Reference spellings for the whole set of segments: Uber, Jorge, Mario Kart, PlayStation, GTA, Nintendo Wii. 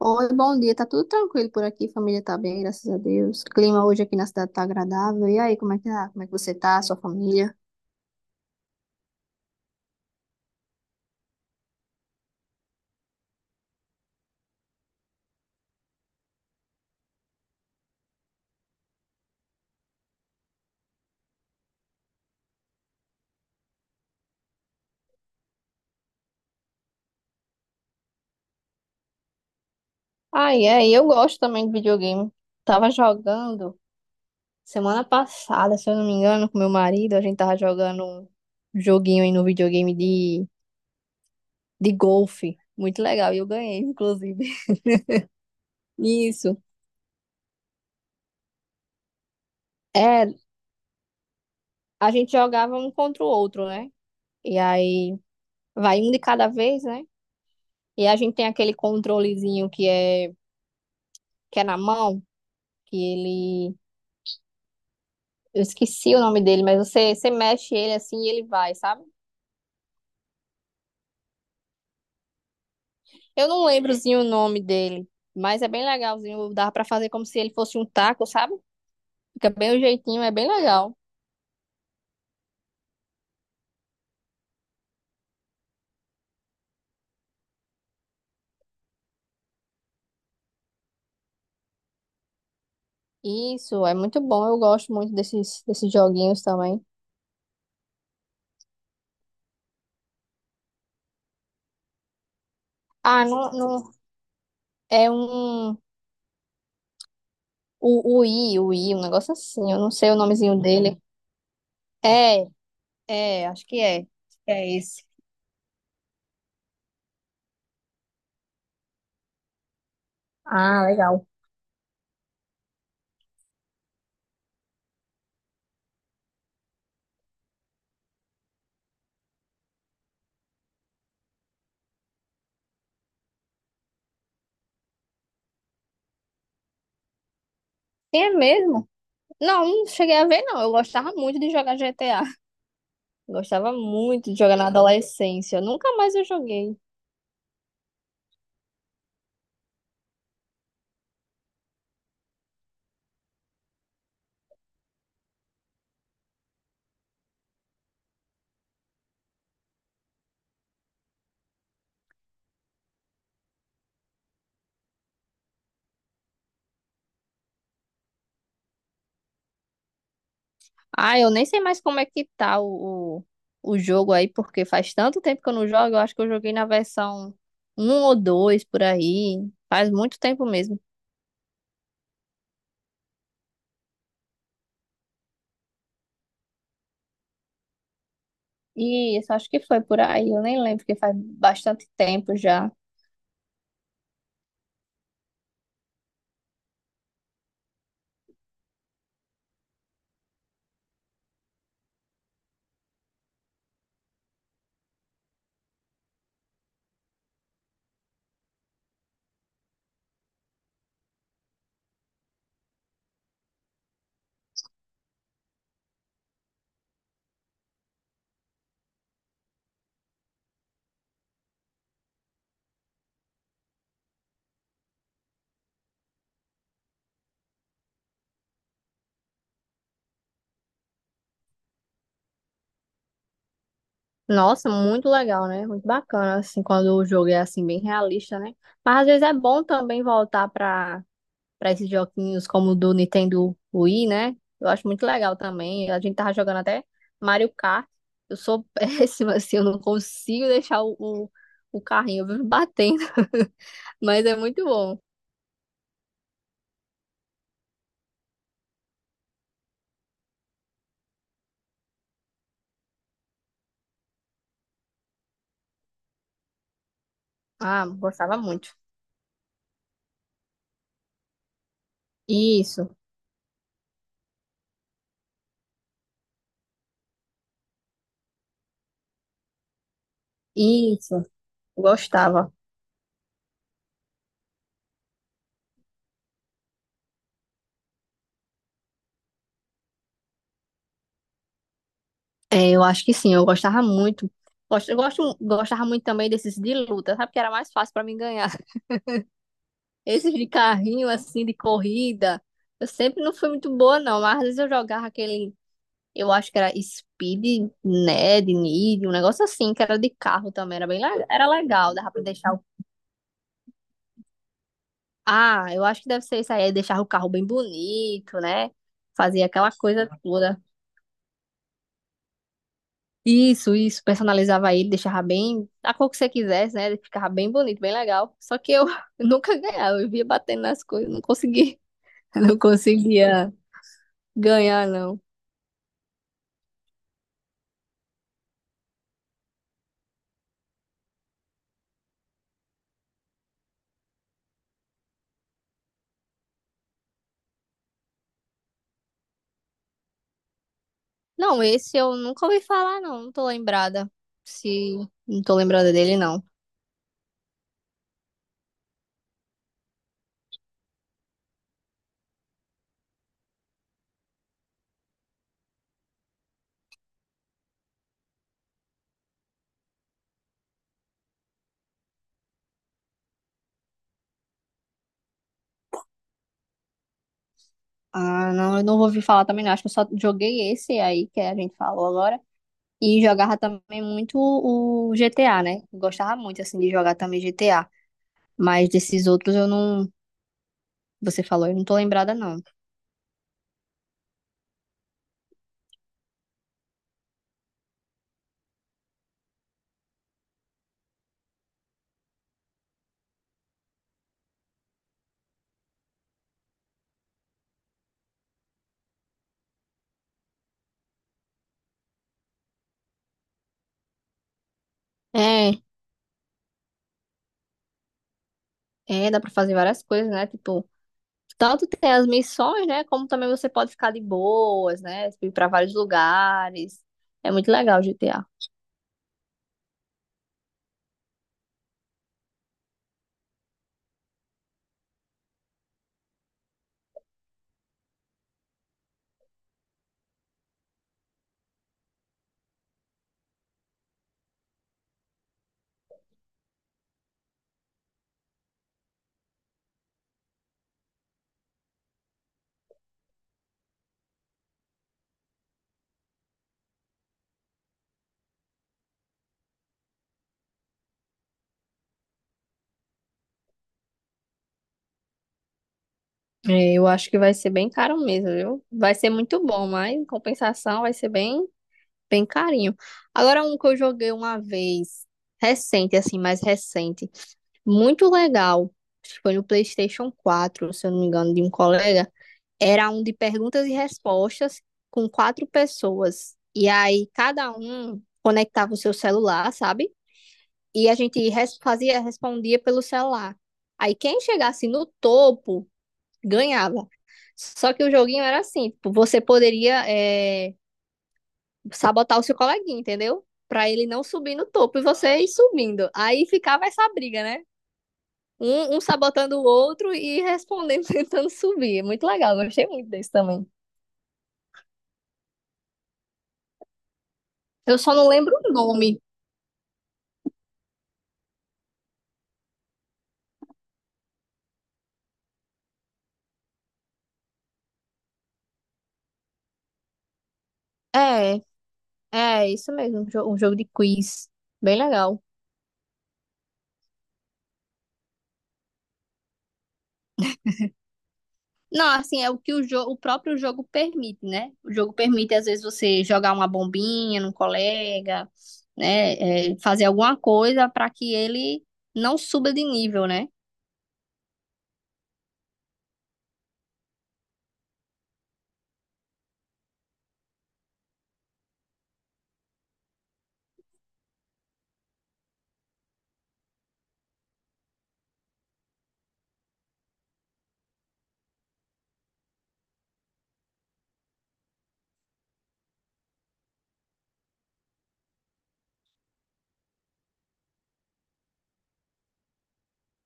Oi, bom dia. Tá tudo tranquilo por aqui, família tá bem, graças a Deus. Clima hoje aqui na cidade tá agradável. E aí, como é que tá? Como é que você tá, sua família? Ah, é, e eu gosto também de videogame. Tava jogando semana passada, se eu não me engano, com meu marido, a gente tava jogando um joguinho aí no videogame de golfe. Muito legal, e eu ganhei, inclusive. Isso. É, a gente jogava um contra o outro, né? E aí vai um de cada vez, né? E a gente tem aquele controlezinho que é na mão. Que ele. Eu esqueci o nome dele, mas você mexe ele assim e ele vai, sabe? Eu não lembrozinho o nome dele, mas é bem legalzinho. Dá pra fazer como se ele fosse um taco, sabe? Fica bem o jeitinho, é bem legal. Isso, é muito bom. Eu gosto muito desses joguinhos também. Ah, não, não, é um. O I, um negócio assim. Eu não sei o nomezinho dele. É, é, acho que é. É esse. Ah, legal. É mesmo? Não, não cheguei a ver, não. Eu gostava muito de jogar GTA. Gostava muito de jogar na adolescência. Nunca mais eu joguei. Ah, eu nem sei mais como é que tá o jogo aí, porque faz tanto tempo que eu não jogo. Eu acho que eu joguei na versão um ou 2 por aí. Faz muito tempo mesmo. Isso, acho que foi por aí. Eu nem lembro, porque faz bastante tempo já. Nossa, muito legal, né? Muito bacana, assim, quando o jogo é assim, bem realista, né? Mas às vezes é bom também voltar pra para esses joguinhos como o do Nintendo Wii, né? Eu acho muito legal também. A gente tava jogando até Mario Kart. Eu sou péssima, assim, eu não consigo deixar o carrinho, eu vivo batendo. Mas é muito bom. Ah, gostava muito. Isso, isso, gostava. É, eu acho que sim, eu gostava muito. Gostava muito também desses de luta, sabe? Que era mais fácil pra mim ganhar. Esses de carrinho, assim, de corrida. Eu sempre não fui muito boa, não. Mas às vezes eu jogava aquele. Eu acho que era Need, um negócio assim, que era de carro também, era legal, dava pra deixar o. Ah, eu acho que deve ser isso aí, é deixar o carro bem bonito, né? Fazia aquela coisa toda. Isso, personalizava ele, deixava bem, a cor que você quisesse, né? Ele ficava bem bonito, bem legal. Só que eu nunca ganhava, eu via batendo nas coisas, não conseguia, não conseguia ganhar, não. Não, esse eu nunca ouvi falar, não, não tô lembrada. Se não tô lembrada dele, não. Ah, não, eu não vou ouvir falar também, não. Acho que eu só joguei esse aí que a gente falou agora. E jogava também muito o GTA, né? Eu gostava muito, assim, de jogar também GTA. Mas desses outros eu não. Você falou, eu não tô lembrada, não. É, é, dá pra fazer várias coisas, né? Tipo, tanto tem as missões, né? Como também você pode ficar de boas, né? Tipo, ir pra vários lugares. É muito legal o GTA. É, eu acho que vai ser bem caro mesmo, viu? Vai ser muito bom, mas em compensação vai ser bem bem carinho. Agora, um que eu joguei uma vez, recente, assim, mais recente, muito legal, acho que foi no PlayStation 4 se eu não me engano, de um colega, era um de perguntas e respostas com quatro pessoas. E aí, cada um conectava o seu celular, sabe? E a gente respondia pelo celular. Aí, quem chegasse no topo, ganhava. Só que o joguinho era assim, tipo, você poderia, sabotar o seu coleguinha, entendeu? Pra ele não subir no topo e você ir subindo. Aí ficava essa briga, né? Um sabotando o outro e respondendo, tentando subir. É muito legal, gostei muito desse também. Eu só não lembro o nome. É, é isso mesmo, um jogo de quiz. Bem legal. Não, assim, é o que o próprio jogo permite, né? O jogo permite, às vezes, você jogar uma bombinha num colega, né? É, fazer alguma coisa para que ele não suba de nível, né?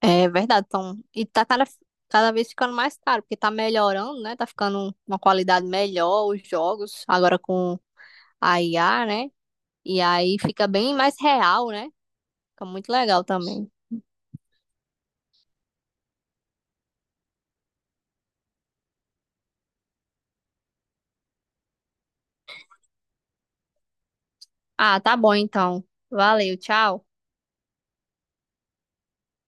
É verdade, então. E tá cada vez ficando mais caro, porque tá melhorando, né? Tá ficando uma qualidade melhor os jogos, agora com a IA, né? E aí fica bem mais real, né? Fica muito legal também. Ah, tá bom então. Valeu, tchau.